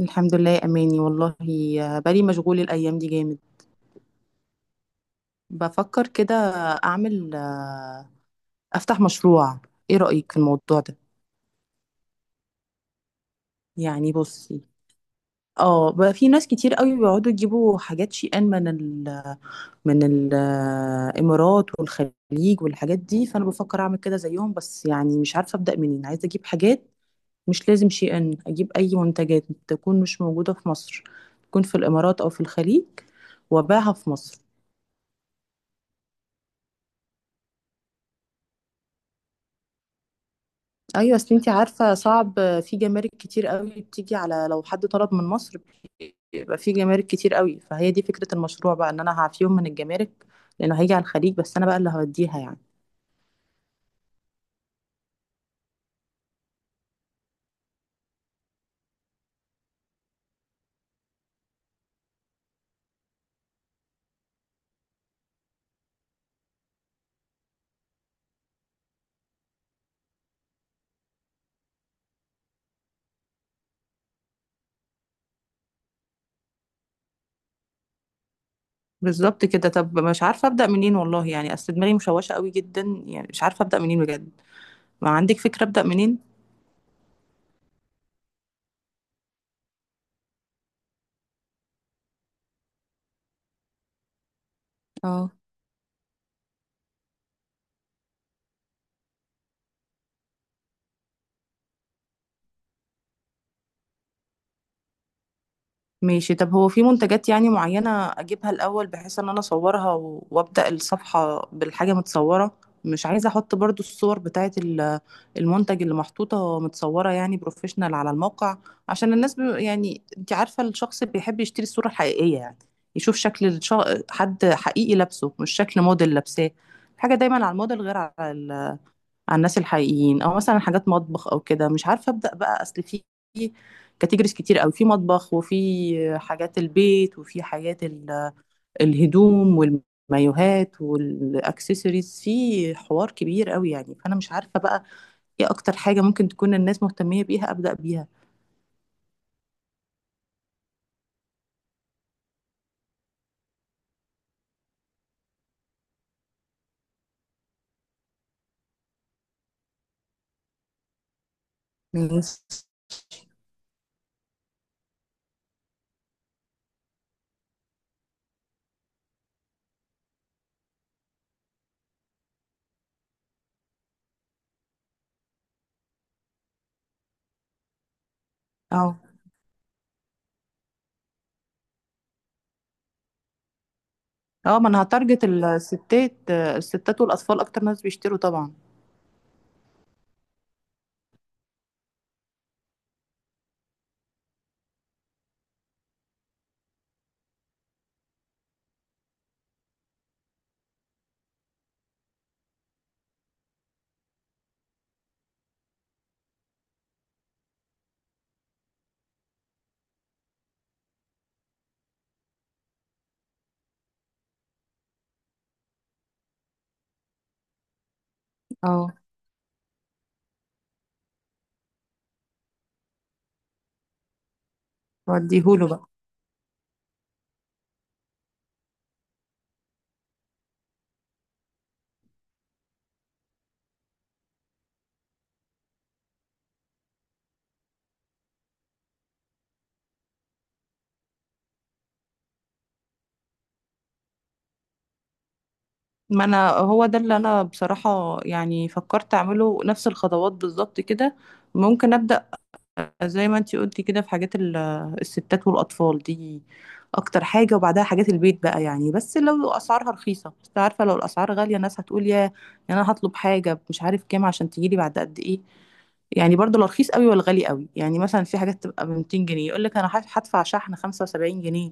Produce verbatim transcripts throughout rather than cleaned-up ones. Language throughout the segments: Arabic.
الحمد لله يا اماني والله. بالي مشغول الايام دي جامد. بفكر كده اعمل آه، افتح مشروع، ايه رايك في الموضوع ده؟ يعني بصي، اه بقى في ناس كتير قوي بيقعدوا يجيبوا حاجات شي ان من ال من الامارات والخليج والحاجات دي، فانا بفكر اعمل كده زيهم، بس يعني مش عارفه ابدا منين عايزه اجيب حاجات. مش لازم شي ان، اجيب اي منتجات تكون مش موجوده في مصر، تكون في الامارات او في الخليج، وابيعها في مصر. ايوه، اصل انتي عارفه صعب، في جمارك كتير قوي بتيجي على، لو حد طلب من مصر بيبقى في جمارك كتير قوي، فهي دي فكره المشروع بقى، ان انا هعفيهم من الجمارك لانه هيجي على الخليج بس انا بقى اللي هوديها يعني. بالظبط كده، طب مش عارفه ابدا منين والله، يعني اصل دماغي مشوشه قوي جدا، يعني مش عارفه ابدا منين بجد. ما عندك فكره ابدا منين؟ اه، ماشي. طب هو في منتجات يعني معينة أجيبها الأول، بحيث إن أنا أصورها و- وأبدأ الصفحة بالحاجة متصورة. مش عايزة أحط برضو الصور بتاعة ال- المنتج اللي محطوطة متصورة يعني بروفيشنال على الموقع، عشان الناس ب... يعني أنت عارفة الشخص بيحب يشتري الصورة الحقيقية، يعني يشوف شكل الش... حد حقيقي لابسه، مش شكل موديل لابساه. الحاجة دايما على الموديل غير على على الناس الحقيقيين. او مثلا حاجات مطبخ او كده، مش عارفه ابدا بقى، اصل في كاتيجوريز كتير قوي، في مطبخ، وفي حاجات البيت، وفي حاجات ال- الهدوم والمايوهات والاكسسوارز، في حوار كبير قوي يعني، فانا مش عارفه بقى ايه اكتر حاجه ممكن تكون الناس مهتميه بيها، ابدا بيها. الناس- اه. اه، ما انا هتارجت الستات، الستات والاطفال اكتر ناس بيشتروا طبعا. اه، وديهوله بقى. ما انا هو ده اللي انا بصراحة يعني فكرت اعمله، نفس الخطوات بالظبط كده. ممكن ابدأ زي ما انتي قلتي كده، في حاجات ال- الستات والاطفال دي اكتر حاجه، وبعدها حاجات البيت بقى يعني. بس لو اسعارها رخيصه، بس عارفه لو الاسعار غاليه الناس هتقول يا، يعني انا هطلب حاجه مش عارف كام عشان تجيلي بعد قد ايه. يعني برضو لا رخيص قوي ولا غالي قوي، يعني مثلا في حاجات تبقى ب ميتين جنيه، يقول لك انا هدف- هدفع شحن خمسة وسبعين جنيه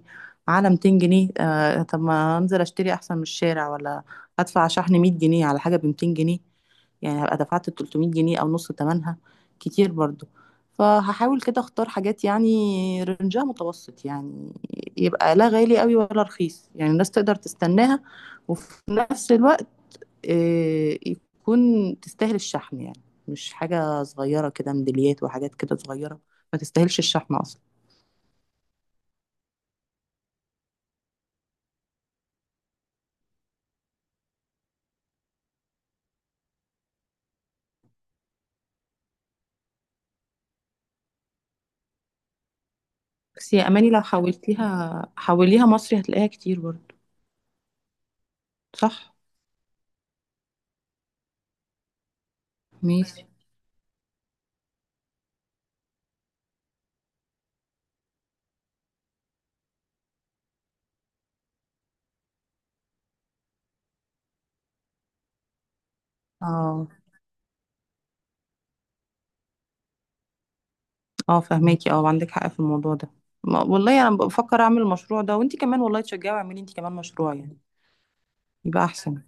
على ميتين جنيه، آه طب ما انزل اشتري احسن من الشارع، ولا هدفع شحن مية جنيه على حاجه ب ميتين جنيه، يعني هبقى دفعت تلتمية جنيه او نص ثمنها، كتير برضو. فهحاول كده اختار حاجات يعني رنجها متوسط، يعني يبقى لا غالي قوي ولا رخيص، يعني الناس تقدر تستناها، وفي نفس الوقت آه، يكون تستاهل الشحن يعني، مش حاجة صغيرة كده، ميداليات وحاجات كده صغيرة ما تستاهلش الشحن أصلا. بس يا أماني، لو حولتيها حوليها مصري هتلاقيها كتير برضه. صح؟ ماشي. اه. اه، فهماكي. اه، عندك حق في الموضوع ده. ما- والله أنا بفكر أعمل المشروع ده، وأنتي كمان والله تشجعي واعملي أنتي كمان مشروع، يعني يبقى أحسن.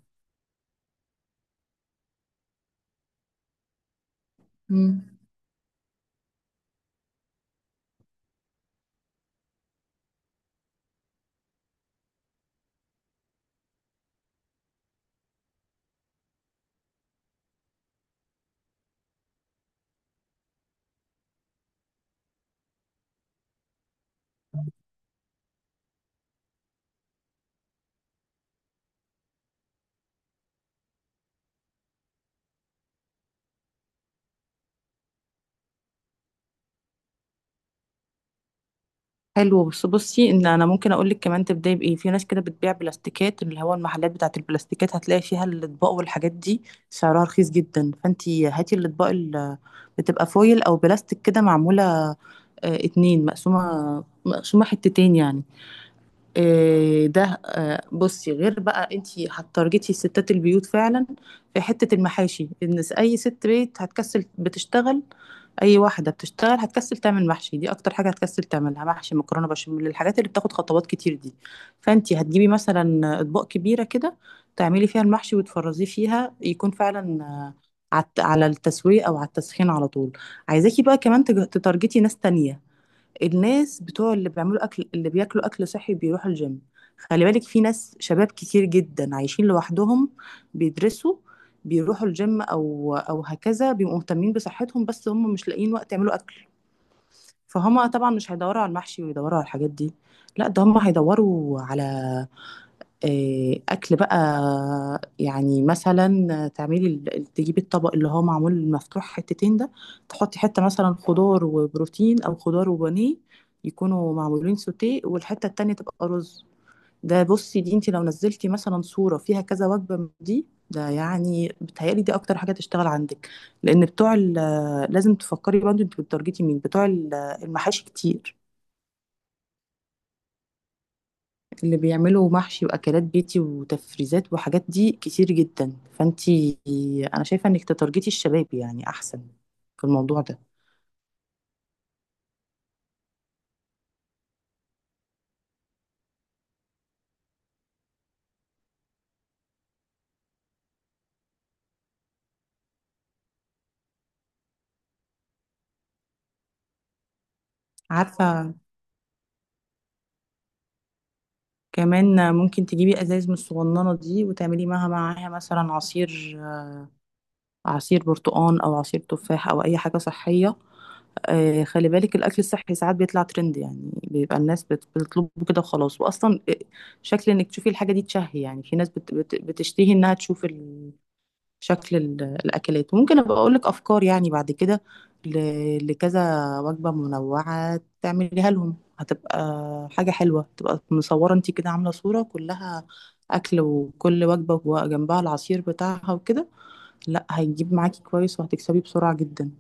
مم. حلو، بس بصي ان انا ممكن اقول لك كمان تبداي بايه. في ناس كده بتبيع بلاستيكات، اللي هو المحلات بتاعه البلاستيكات هتلاقي فيها الاطباق والحاجات دي، سعرها رخيص جدا، فانتي هاتي الاطباق اللي بتبقى فويل او بلاستيك كده، معموله آه، اتنين، مقسومه مقسومه حتتين يعني. إيه ده، آه، بصي، غير بقى انت هتارجتي الستات، البيوت فعلا، في حتة المحاشي، ان س- اي ست بيت هتكسل، بتشتغل، اي واحدة بتشتغل هتكسل تعمل محشي، دي اكتر حاجة هتكسل تعملها، محشي، مكرونة بشاميل، الحاجات اللي بتاخد خطوات كتير دي. فانت هتجيبي مثلا اطباق كبيرة كده تعملي فيها المحشي وتفرزيه فيها، يكون فعلا آه، عت- على التسوية او على التسخين على طول. عايزاكي بقى كمان تج- تتارجتي ناس تانية، الناس بتوع اللي بيعملوا اكل، اللي بياكلوا اكل صحي، بيروحوا الجيم. خلي بالك، في ناس شباب كتير جدا عايشين لوحدهم، بيدرسوا، بيروحوا الجيم او او هكذا، بيبقوا مهتمين بصحتهم، بس هم مش لاقيين وقت يعملوا اكل. فهم طبعا مش هيدوروا على المحشي ويدوروا على الحاجات دي، لا ده هم هيدوروا على آه، اكل بقى. يعني مثلا تعملي ال- تجيبي الطبق اللي هو معمول مفتوح حتتين ده، تحطي حته مثلا خضار وبروتين، او خضار وبانيه، يكونوا معمولين سوتيه، والحته التانية تبقى رز. ده بصي دي، انت لو نزلتي مثلا صوره فيها كذا وجبه من دي، ده يعني بتهيألي دي اكتر حاجه تشتغل عندك. لان بتوع ال- لازم تفكري برضه انت بتارجتي مين، بتوع ال- المحاشي كتير، اللي بيعملوا محشي واكلات بيتي وتفريزات وحاجات دي كتير جدا، فانتي انا شايفه انك تتارجتي الشباب يعني احسن في الموضوع ده. عارفه، كمان ممكن تجيبي ازايز من الصغننه دي وتعملي معاها معاها مثلا عصير، عصير برتقان او عصير تفاح او اي حاجه صحيه. آه، خلي بالك، الاكل الصحي ساعات بيطلع ترند، يعني بيبقى الناس بت- بتطلبه كده وخلاص. واصلا آه، شكل انك تشوفي الحاجه دي تشهي يعني، في ناس بت- بت- بتشتهي انها تشوف ال- شكل ال- الأكلات. ممكن أبقى أقولك أفكار يعني بعد كده ل- لكذا وجبة منوعة تعمليها لهم، هتبقى حاجة حلوة، تبقى مصورة انتي كده، عاملة صورة كلها أكل، وكل وجبة وجنبها العصير بتاعها وكده، لا هيجيب معاكي كويس وهتكسبي بسرعة جدا.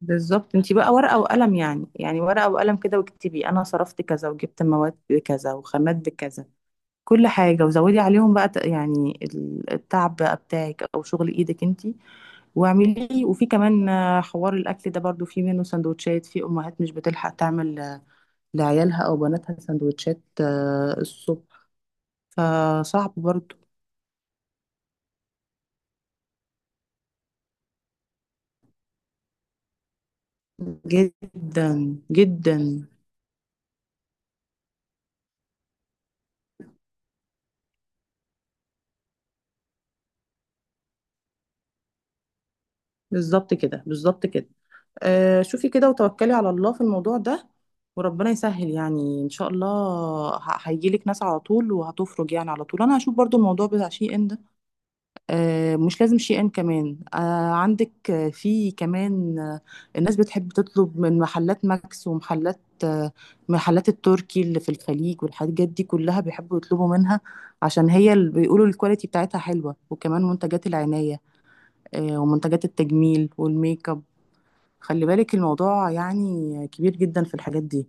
بالظبط، انتي بقى ورقة وقلم يعني، يعني ورقة وقلم كده، واكتبي أنا صرفت كذا وجبت مواد بكذا وخامات بكذا، كل حاجة، وزودي عليهم بقى ت- يعني ال- التعب بقى بتاعك أو شغل إيدك انتي، واعملي. وفي كمان آه، حوار الاكل ده برضو، في منه سندوتشات، في امهات مش بتلحق تعمل آه، لعيالها او بناتها سندوتشات آه، الصبح، فصعب برضو جدا جدا. بالظبط كده، بالظبط كده. آه، شوفي كده وتوكلي على الله في الموضوع ده، وربنا يسهل يعني ان شاء الله، ه- هيجيلك ناس على طول وهتفرج يعني على طول. انا هشوف برضو الموضوع بتاع شي ان ده، آه، مش لازم شيئا، كمان آه، عندك آه، في كمان آه، الناس بتحب تطلب من محلات ماكس ومحلات آه، محلات التركي اللي في الخليج والحاجات دي كلها، بيحبوا يطلبوا منها عشان هي اللي بيقولوا الكواليتي بتاعتها حلوة. وكمان منتجات العناية آه، ومنتجات التجميل والميك اب، خلي بالك الموضوع يعني كبير جدا في الحاجات دي.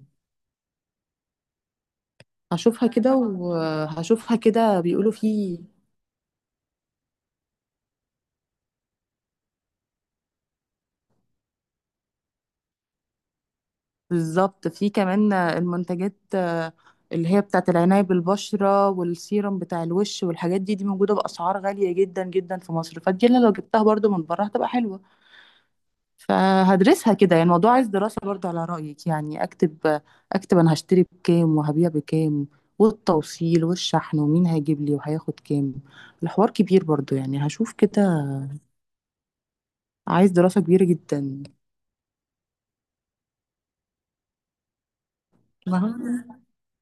هشوفها كده وهشوفها كده، بيقولوا في. بالظبط، في كمان المنتجات آه، اللي هي بتاعت العناية بالبشرة والسيرم بتاع الوش والحاجات دي، دي موجودة بأسعار غالية جدا جدا في مصر، فدي أنا لو جبتها برضو من بره هتبقى حلوة. فهدرسها كده، يعني الموضوع عايز دراسة برضو على رأيك، يعني أكتب أكتب أنا هشتري بكام وهبيع بكام، والتوصيل والشحن ومين هيجيب لي وهياخد كام، الحوار كبير برضو يعني هشوف كده. عايز دراسة كبيرة جدا. ما هو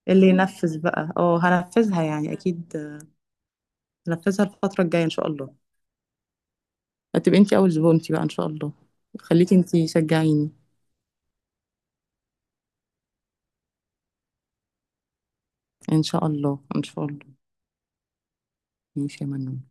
اللي ينفذ بقى، اه هنفذها يعني أكيد، ننفذها الفترة الجاية إن شاء الله. هتبقي أنتي أول زبونتي بقى إن شاء الله، خليكي أنتي شجعيني. إن شاء الله إن شاء الله. ماشي يا منون.